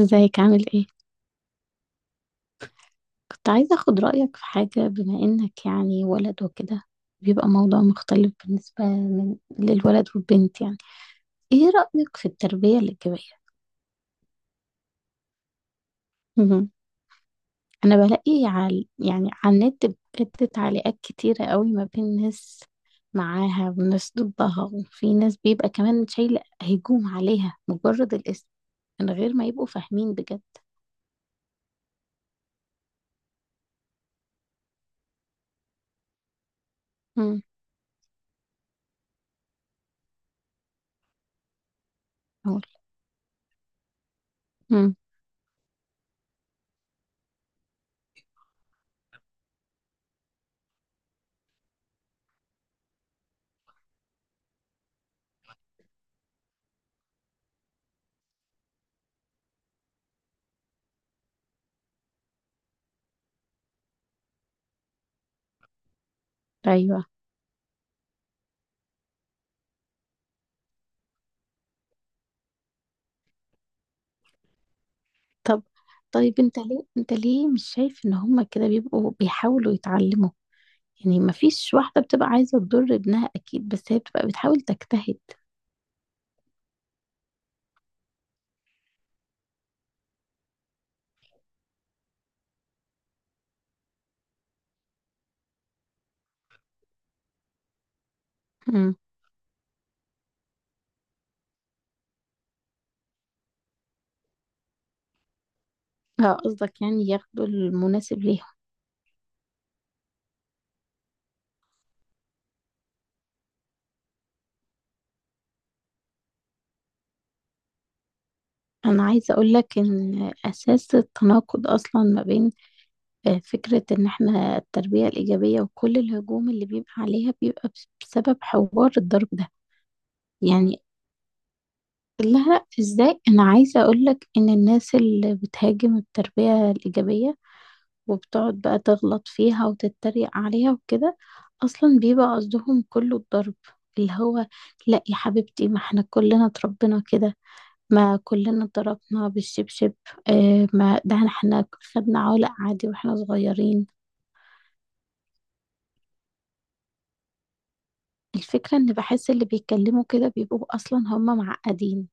ازيك؟ عامل ايه؟ كنت عايزة اخد رأيك في حاجة، بما انك ولد وكده، بيبقى موضوع مختلف بالنسبة للولد والبنت يعني. ايه رأيك في التربية الإيجابية؟ مهم. انا بلاقي على على النت بجد تعليقات كتيرة قوي، ما بين ناس معاها وناس ضدها، وفي ناس بيبقى كمان شايلة هجوم عليها مجرد الاسم، من غير ما يبقوا فاهمين بجد. امم، اقول. امم. ايوه. طب طيب، انت ليه مش شايف ان هما كده بيبقوا بيحاولوا يتعلموا؟ يعني ما فيش واحدة بتبقى عايزة تضر ابنها اكيد، بس هي بتبقى بتحاول تجتهد. امم. اه، قصدك يعني ياخدوا المناسب ليهم. انا عايزة اقول لك ان اساس التناقض اصلا ما بين فكرة ان احنا التربية الايجابية، وكل الهجوم اللي بيبقى عليها بيبقى بسبب حوار الضرب ده يعني. لها ازاي؟ انا عايزة اقول لك ان الناس اللي بتهاجم التربية الايجابية وبتقعد بقى تغلط فيها وتتريق عليها وكده، اصلا بيبقى قصدهم كله الضرب، اللي هو لا يا حبيبتي، ما احنا كلنا اتربينا كده، ما كلنا اتضربنا بالشبشب. اه، ما ده احنا خدنا علق عادي واحنا صغيرين. الفكرة ان بحس اللي بيتكلموا كده بيبقوا اصلا هم معقدين.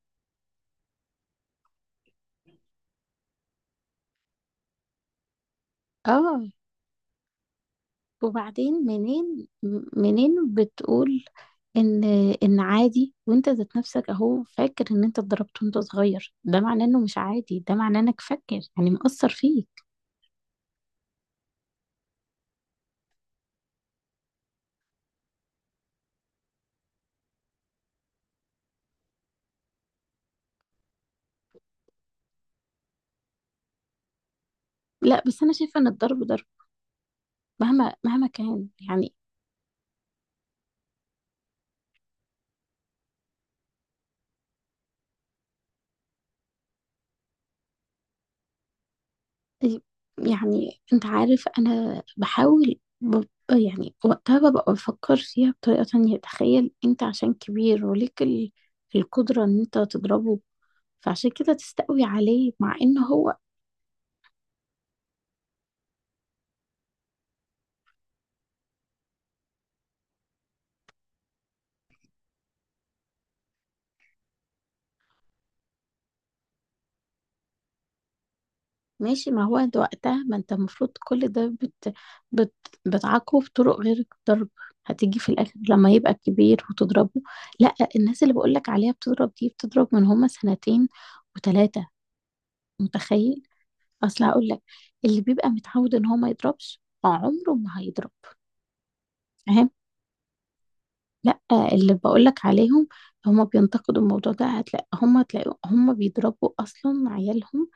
اه. وبعدين منين؟ منين بتقول ان ان عادي؟ وانت ذات نفسك اهو فاكر ان انت اتضربت وانت صغير، ده معناه انه مش عادي، ده معناه انك فاكر، يعني مأثر فيك. لا، بس انا شايفه ان الضرب ضرب مهما كان يعني. يعني انت عارف انا بحاول ب... يعني وقتها ببقى بفكر فيها بطريقه تانية. تخيل انت عشان كبير وليك القدره ان انت تضربه، فعشان كده تستقوي عليه، مع ان هو ماشي. ما هو انت وقتها، ما انت المفروض كل ده بت... بتعاقبه بطرق غير الضرب، هتيجي في الاخر لما يبقى كبير وتضربه. لا، الناس اللي بقولك عليها بتضرب دي بتضرب من هما سنتين وتلاتة. متخيل؟ اصل هقولك، اللي بيبقى متعود ان هو ما يضربش عمره ما هيضرب. فاهم؟ لا، اللي بقولك عليهم، هما بينتقدوا الموضوع ده، هتلاقي هما، تلاقي هما بيضربوا اصلا عيالهم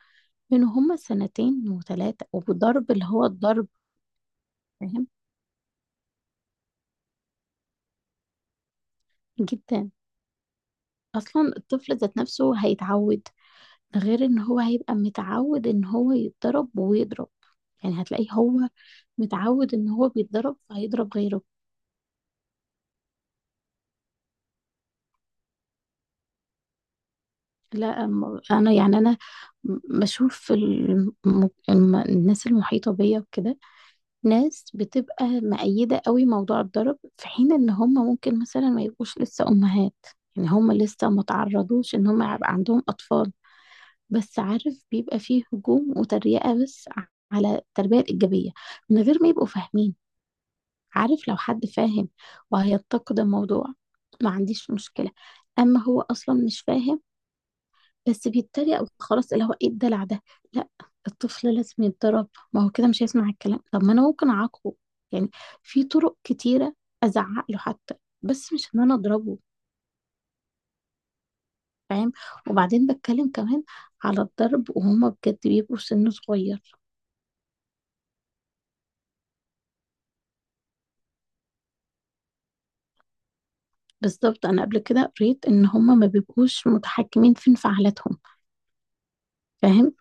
من هما سنتين وتلاتة، وبضرب اللي هو الضرب. فاهم؟ جدا. اصلا الطفل ذات نفسه هيتعود، ده غير ان هو هيبقى متعود ان هو يتضرب ويضرب. يعني هتلاقيه هو متعود ان هو بيتضرب فهيضرب غيره. لا انا بشوف في الناس المحيطة بيا وكده. ناس بتبقى مؤيدة قوي موضوع الضرب، في حين ان هم ممكن مثلا ما يبقوش لسه امهات، يعني هم لسه ما تعرضوش ان هم يبقى عندهم اطفال. بس عارف بيبقى فيه هجوم وتريقة على التربية الإيجابية من غير ما يبقوا فاهمين. عارف، لو حد فاهم وهينتقد الموضوع، ما عنديش مشكلة. أما هو أصلا مش فاهم، بس بيتريق خلاص، اللي هو إيه الدلع ده؟ لا، الطفل لازم يتضرب، ما هو كده مش هيسمع الكلام. طب ما أنا ممكن أعاقبه يعني، في طرق كتيرة، أزعق له حتى، بس مش إن أنا أضربه. فاهم؟ وبعدين بتكلم كمان على الضرب وهما بجد بيبقوا سن صغير. بالضبط، أنا قبل كده قريت إن هم ما بيبقوش متحكمين في انفعالاتهم. فاهم؟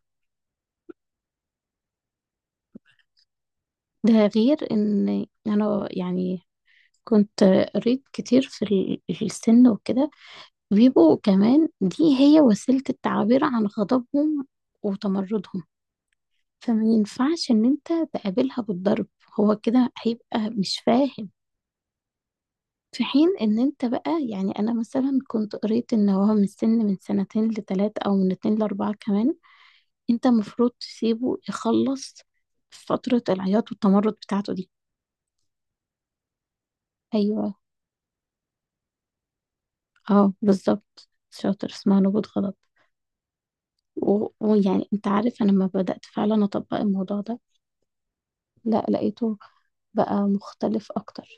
ده غير إن أنا كنت قريت كتير في في السن وكده، بيبقوا كمان دي هي وسيلة التعبير عن غضبهم وتمردهم، فما ينفعش إن أنت تقابلها بالضرب، هو كده هيبقى مش فاهم. في حين إن أنت بقى يعني، أنا مثلا كنت قريت إن هو من السن، من سنتين لتلاتة أو من اتنين لأربعة كمان، انت المفروض تسيبه يخلص فترة العياط والتمرد بتاعته دي. ايوه. اه بالظبط، شاطر، اسمها نبوة غضب. ويعني انت عارف انا لما بدأت فعلا اطبق الموضوع ده، لا لقيته بقى مختلف اكتر.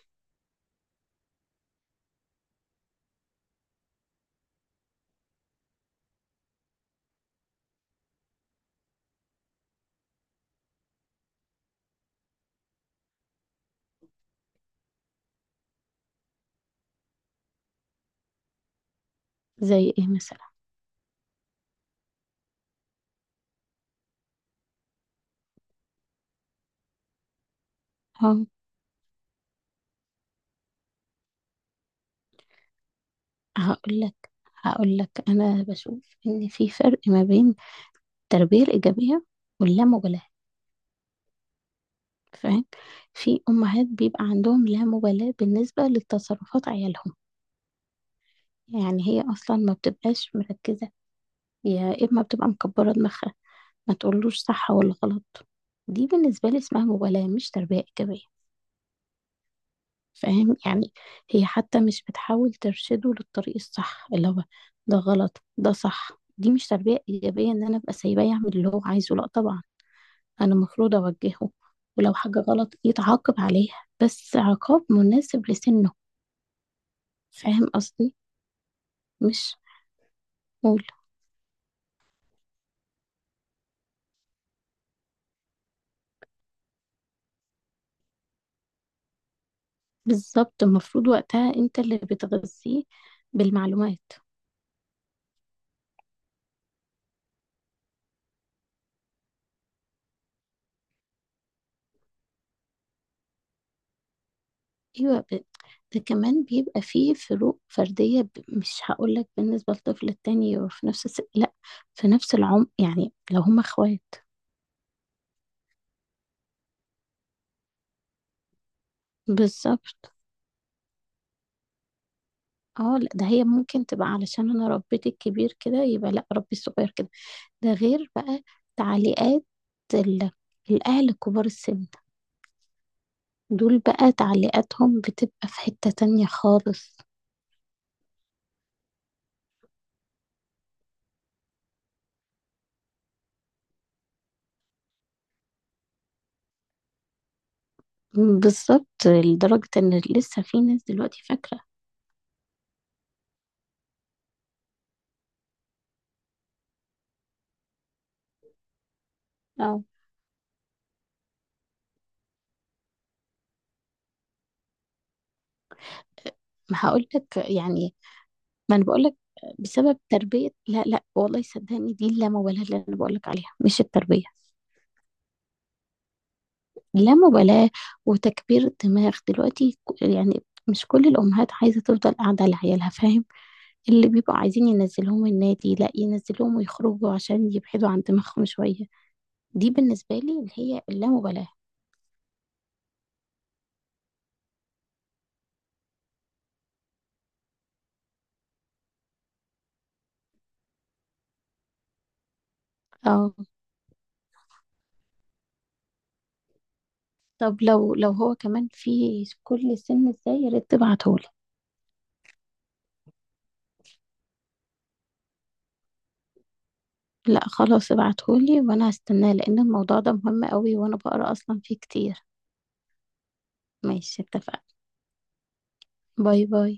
زي ايه مثلا؟ اه، هقول لك. هقول لك انا بشوف ان في فرق ما بين التربية الإيجابية واللامبالاة. فاهم؟ في امهات بيبقى عندهم لا مبالاة بالنسبة لتصرفات عيالهم. يعني هي أصلا ما بتبقاش مركزة، يا إما بتبقى مكبرة دماغها، ما تقولوش صح ولا غلط. دي بالنسبة لي اسمها مبالاة، مش تربية إيجابية. فاهم يعني؟ هي حتى مش بتحاول ترشده للطريق الصح، اللي هو ده غلط ده صح. دي مش تربية إيجابية إن أنا أبقى سايباه يعمل اللي هو عايزه، لأ طبعا، أنا المفروض أوجهه، ولو حاجة غلط يتعاقب عليها، بس عقاب مناسب لسنه. فاهم قصدي؟ مش قول. بالظبط، المفروض وقتها انت اللي بتغذيه بالمعلومات. ايوه. ده كمان بيبقى فيه فروق فردية، مش هقولك بالنسبة للطفل التاني في نفس لا، في نفس العمر، يعني لو هما اخوات. بالظبط. اه لا، ده هي ممكن تبقى علشان انا ربيت الكبير كده يبقى لا، ربي الصغير كده. ده غير بقى تعليقات ال... الاهل كبار السن، دول بقى تعليقاتهم بتبقى في حتة تانية خالص. بالظبط، لدرجة ان لسه في ناس دلوقتي فاكرة. اه، ما هقول لك يعني، ما انا بقول لك، بسبب تربية، لا لا والله صدقني، دي اللامبالاة اللي انا بقول لك عليها، مش التربية. اللامبالاة وتكبير الدماغ دلوقتي، يعني مش كل الأمهات عايزة تفضل قاعدة لعيالها. فاهم؟ اللي بيبقوا عايزين ينزلوهم النادي، لا ينزلوهم ويخرجوا عشان يبعدوا عن دماغهم شوية. دي بالنسبة لي اللي هي اللامبالاة. اه، طب لو هو كمان في كل سن ازاي، يا ريت تبعتهولي. لا خلاص، ابعتهولي وانا هستناه، لان الموضوع ده مهم قوي، وانا بقرا اصلا فيه كتير. ماشي، اتفقنا. باي باي.